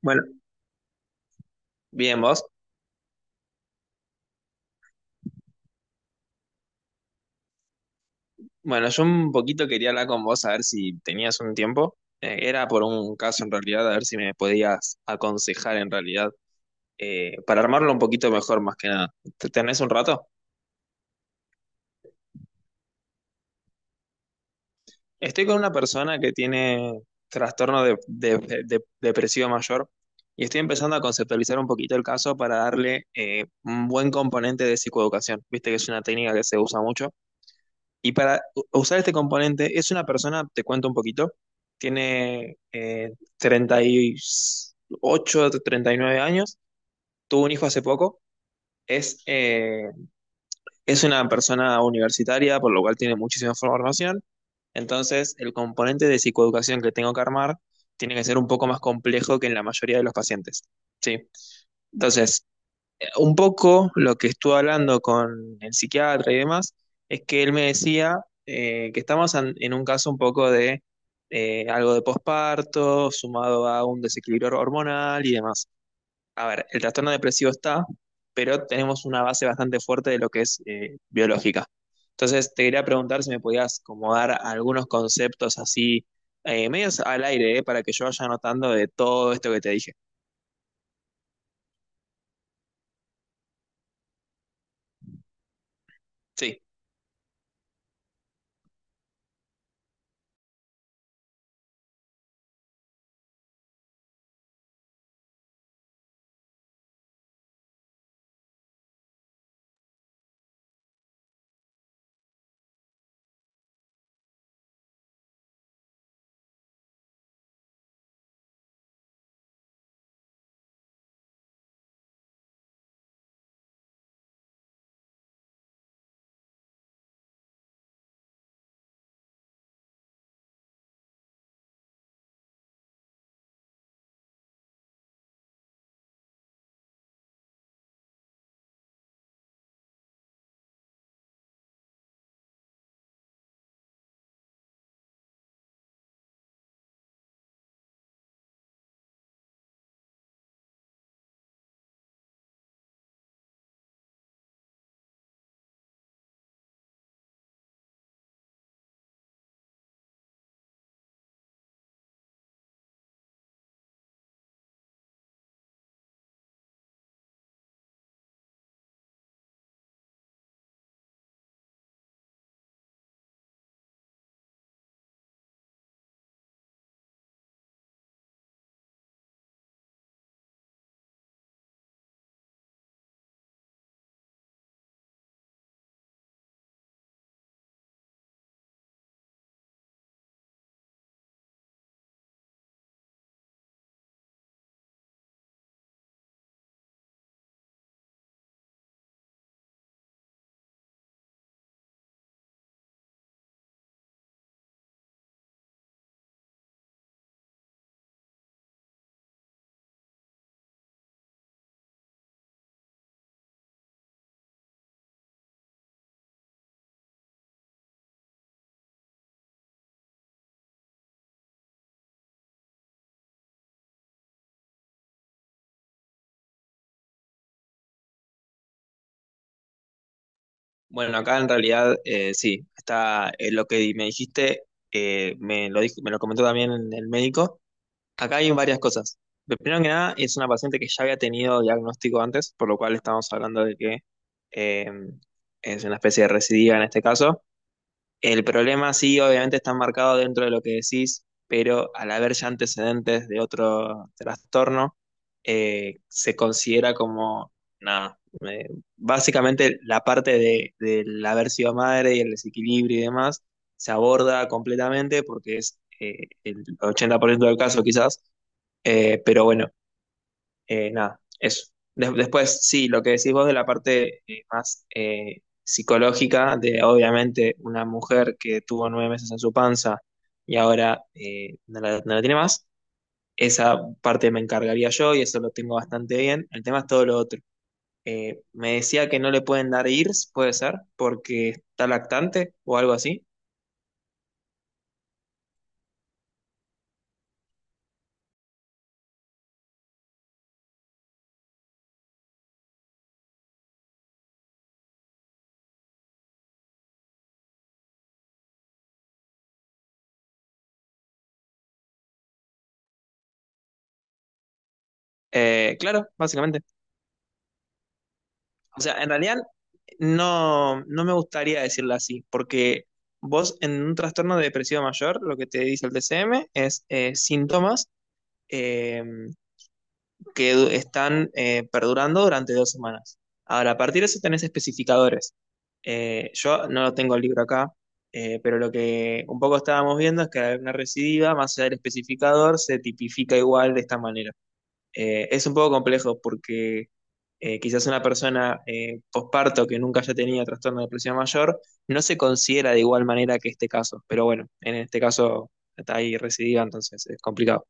Bueno, bien, vos. Bueno, yo un poquito quería hablar con vos a ver si tenías un tiempo. Era por un caso en realidad, a ver si me podías aconsejar en realidad, para armarlo un poquito mejor más que nada. ¿Tenés un rato? Estoy con una persona que tiene trastorno depresivo mayor y estoy empezando a conceptualizar un poquito el caso para darle un buen componente de psicoeducación. Viste que es una técnica que se usa mucho. Y para usar este componente, es una persona, te cuento un poquito, tiene 38, 39 años, tuvo un hijo hace poco, es, eh, es una persona universitaria, por lo cual tiene muchísima formación, entonces el componente de psicoeducación que tengo que armar tiene que ser un poco más complejo que en la mayoría de los pacientes. Sí. Entonces, un poco lo que estuve hablando con el psiquiatra y demás es que él me decía que estamos en un caso un poco de algo de posparto, sumado a un desequilibrio hormonal y demás. A ver, el trastorno depresivo está, pero tenemos una base bastante fuerte de lo que es biológica. Entonces, te quería preguntar si me podías como dar algunos conceptos así, medios al aire, para que yo vaya anotando de todo esto que te dije. Sí. Bueno, acá en realidad sí, está lo que me dijiste, me lo dijo, me lo comentó también el médico. Acá hay varias cosas. Primero que nada, es una paciente que ya había tenido diagnóstico antes, por lo cual estamos hablando de que eh, es una especie de recidiva en este caso. El problema sí, obviamente está marcado dentro de lo que decís, pero al haber ya antecedentes de otro trastorno, se considera como, nada, eh, básicamente la parte de, del haber sido madre y el desequilibrio y demás se aborda completamente porque es el 80% del caso quizás, pero bueno, nada, eso. Después, sí, lo que decís vos de la parte más psicológica, de obviamente una mujer que tuvo 9 meses en su panza y ahora no la, no la tiene más, esa parte me encargaría yo y eso lo tengo bastante bien. El tema es todo lo otro. Me decía que no le pueden dar IRS, puede ser, porque está lactante o algo así. Claro, básicamente. O sea, en realidad, no, no me gustaría decirlo así, porque vos en un trastorno de depresivo mayor, lo que te dice el DCM es síntomas eh, están perdurando durante 2 semanas. Ahora, a partir de eso tenés especificadores. Yo no lo tengo el libro acá, pero lo que un poco estábamos viendo es que al haber una recidiva, más allá del especificador, se tipifica igual de esta manera. Es un poco complejo porque quizás una persona posparto que nunca haya tenido trastorno de depresión mayor no se considera de igual manera que este caso, pero bueno, en este caso está ahí recidiva, entonces es complicado.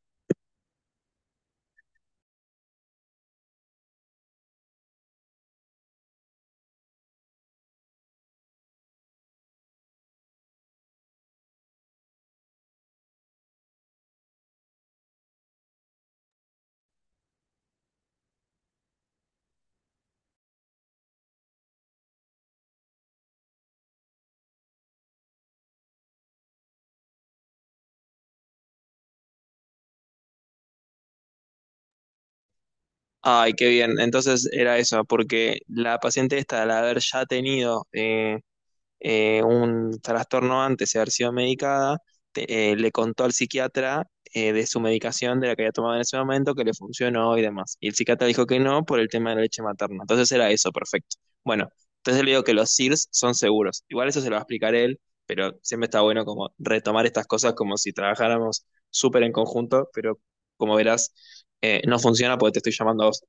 Ay, qué bien, entonces era eso, porque la paciente esta, al haber ya tenido un trastorno antes de haber sido medicada, le contó al psiquiatra de su medicación, de la que había tomado en ese momento, que le funcionó y demás. Y el psiquiatra dijo que no por el tema de la leche materna. Entonces era eso, perfecto. Bueno, entonces le digo que los SIRS son seguros. Igual eso se lo va a explicar él, pero siempre está bueno como retomar estas cosas como si trabajáramos súper en conjunto, pero como verás, no funciona porque te estoy llamando a vos.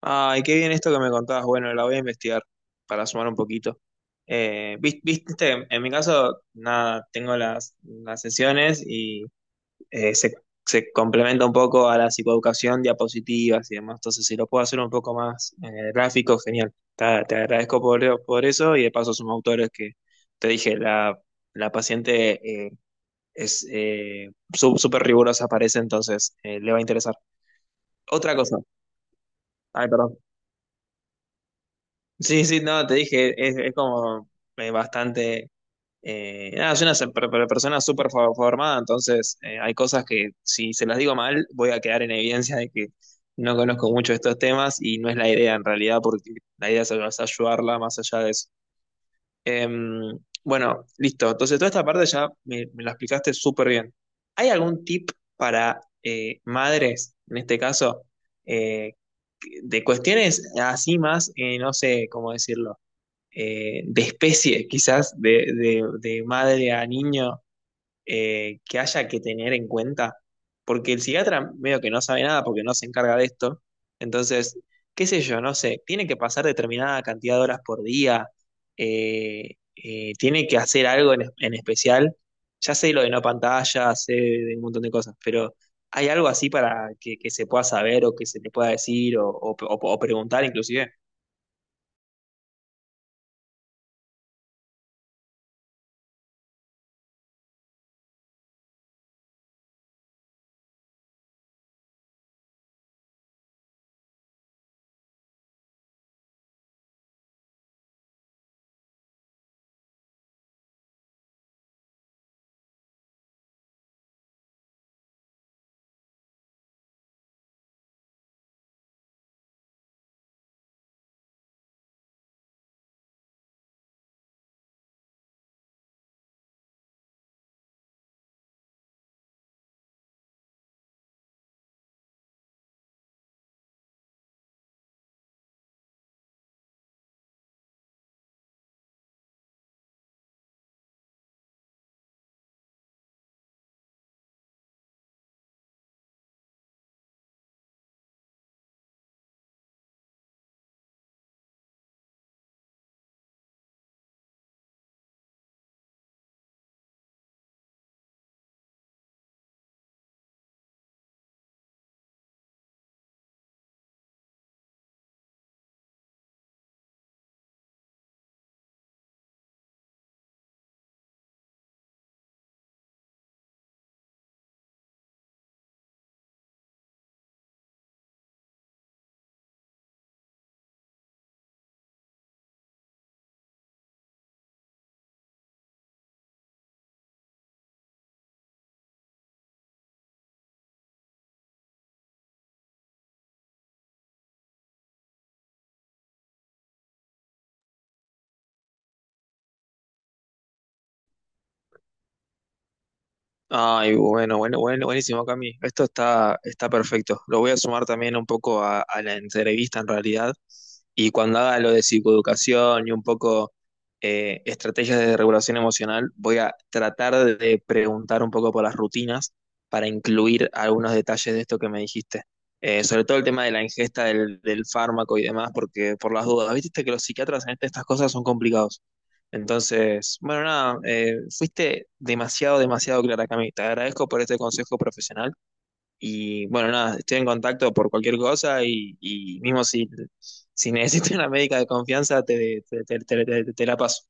Ay, qué bien esto que me contabas. Bueno, la voy a investigar para sumar un poquito. Viste, en mi caso, nada, tengo las sesiones y eh, se, se complementa un poco a la psicoeducación, diapositivas y demás. Entonces, si lo puedo hacer un poco más gráfico, genial. Te agradezco por eso y de paso son autores que te dije, la paciente es súper rigurosa, parece, entonces le va a interesar. Otra cosa. Ay, perdón. Sí, sí, no, te dije, es como bastante... nada, soy una persona súper formada, entonces hay cosas que si se las digo mal voy a quedar en evidencia de que no conozco mucho estos temas y no es la idea en realidad, porque la idea es ayudarla más allá de eso. Em, bueno, listo, entonces toda esta parte ya me la explicaste súper bien. ¿Hay algún tip para madres, en este caso, eh, de cuestiones así más, no sé cómo decirlo, de especie, quizás, de, de madre a niño que haya que tener en cuenta? Porque el psiquiatra medio que no sabe nada porque no se encarga de esto. Entonces, qué sé yo, no sé, tiene que pasar determinada cantidad de horas por día, tiene que hacer algo en especial. Ya sé lo de no pantalla, sé de un montón de cosas, pero ¿hay algo así para que se pueda saber o que se le pueda decir o o preguntar inclusive? Ay, bueno, bueno, bueno, buenísimo, Cami. Esto está, está perfecto. Lo voy a sumar también un poco a la entrevista en realidad. Y cuando haga lo de psicoeducación y un poco estrategias de regulación emocional, voy a tratar de preguntar un poco por las rutinas para incluir algunos detalles de esto que me dijiste. Sobre todo el tema de la ingesta del, del fármaco y demás, porque por las dudas, viste que los psiquiatras en este, estas cosas son complicados. Entonces, bueno, nada, fuiste demasiado, demasiado clara, Cami. Te agradezco por este consejo profesional y bueno, nada, estoy en contacto por cualquier cosa y mismo si, si necesitas una médica de confianza, te, te la paso.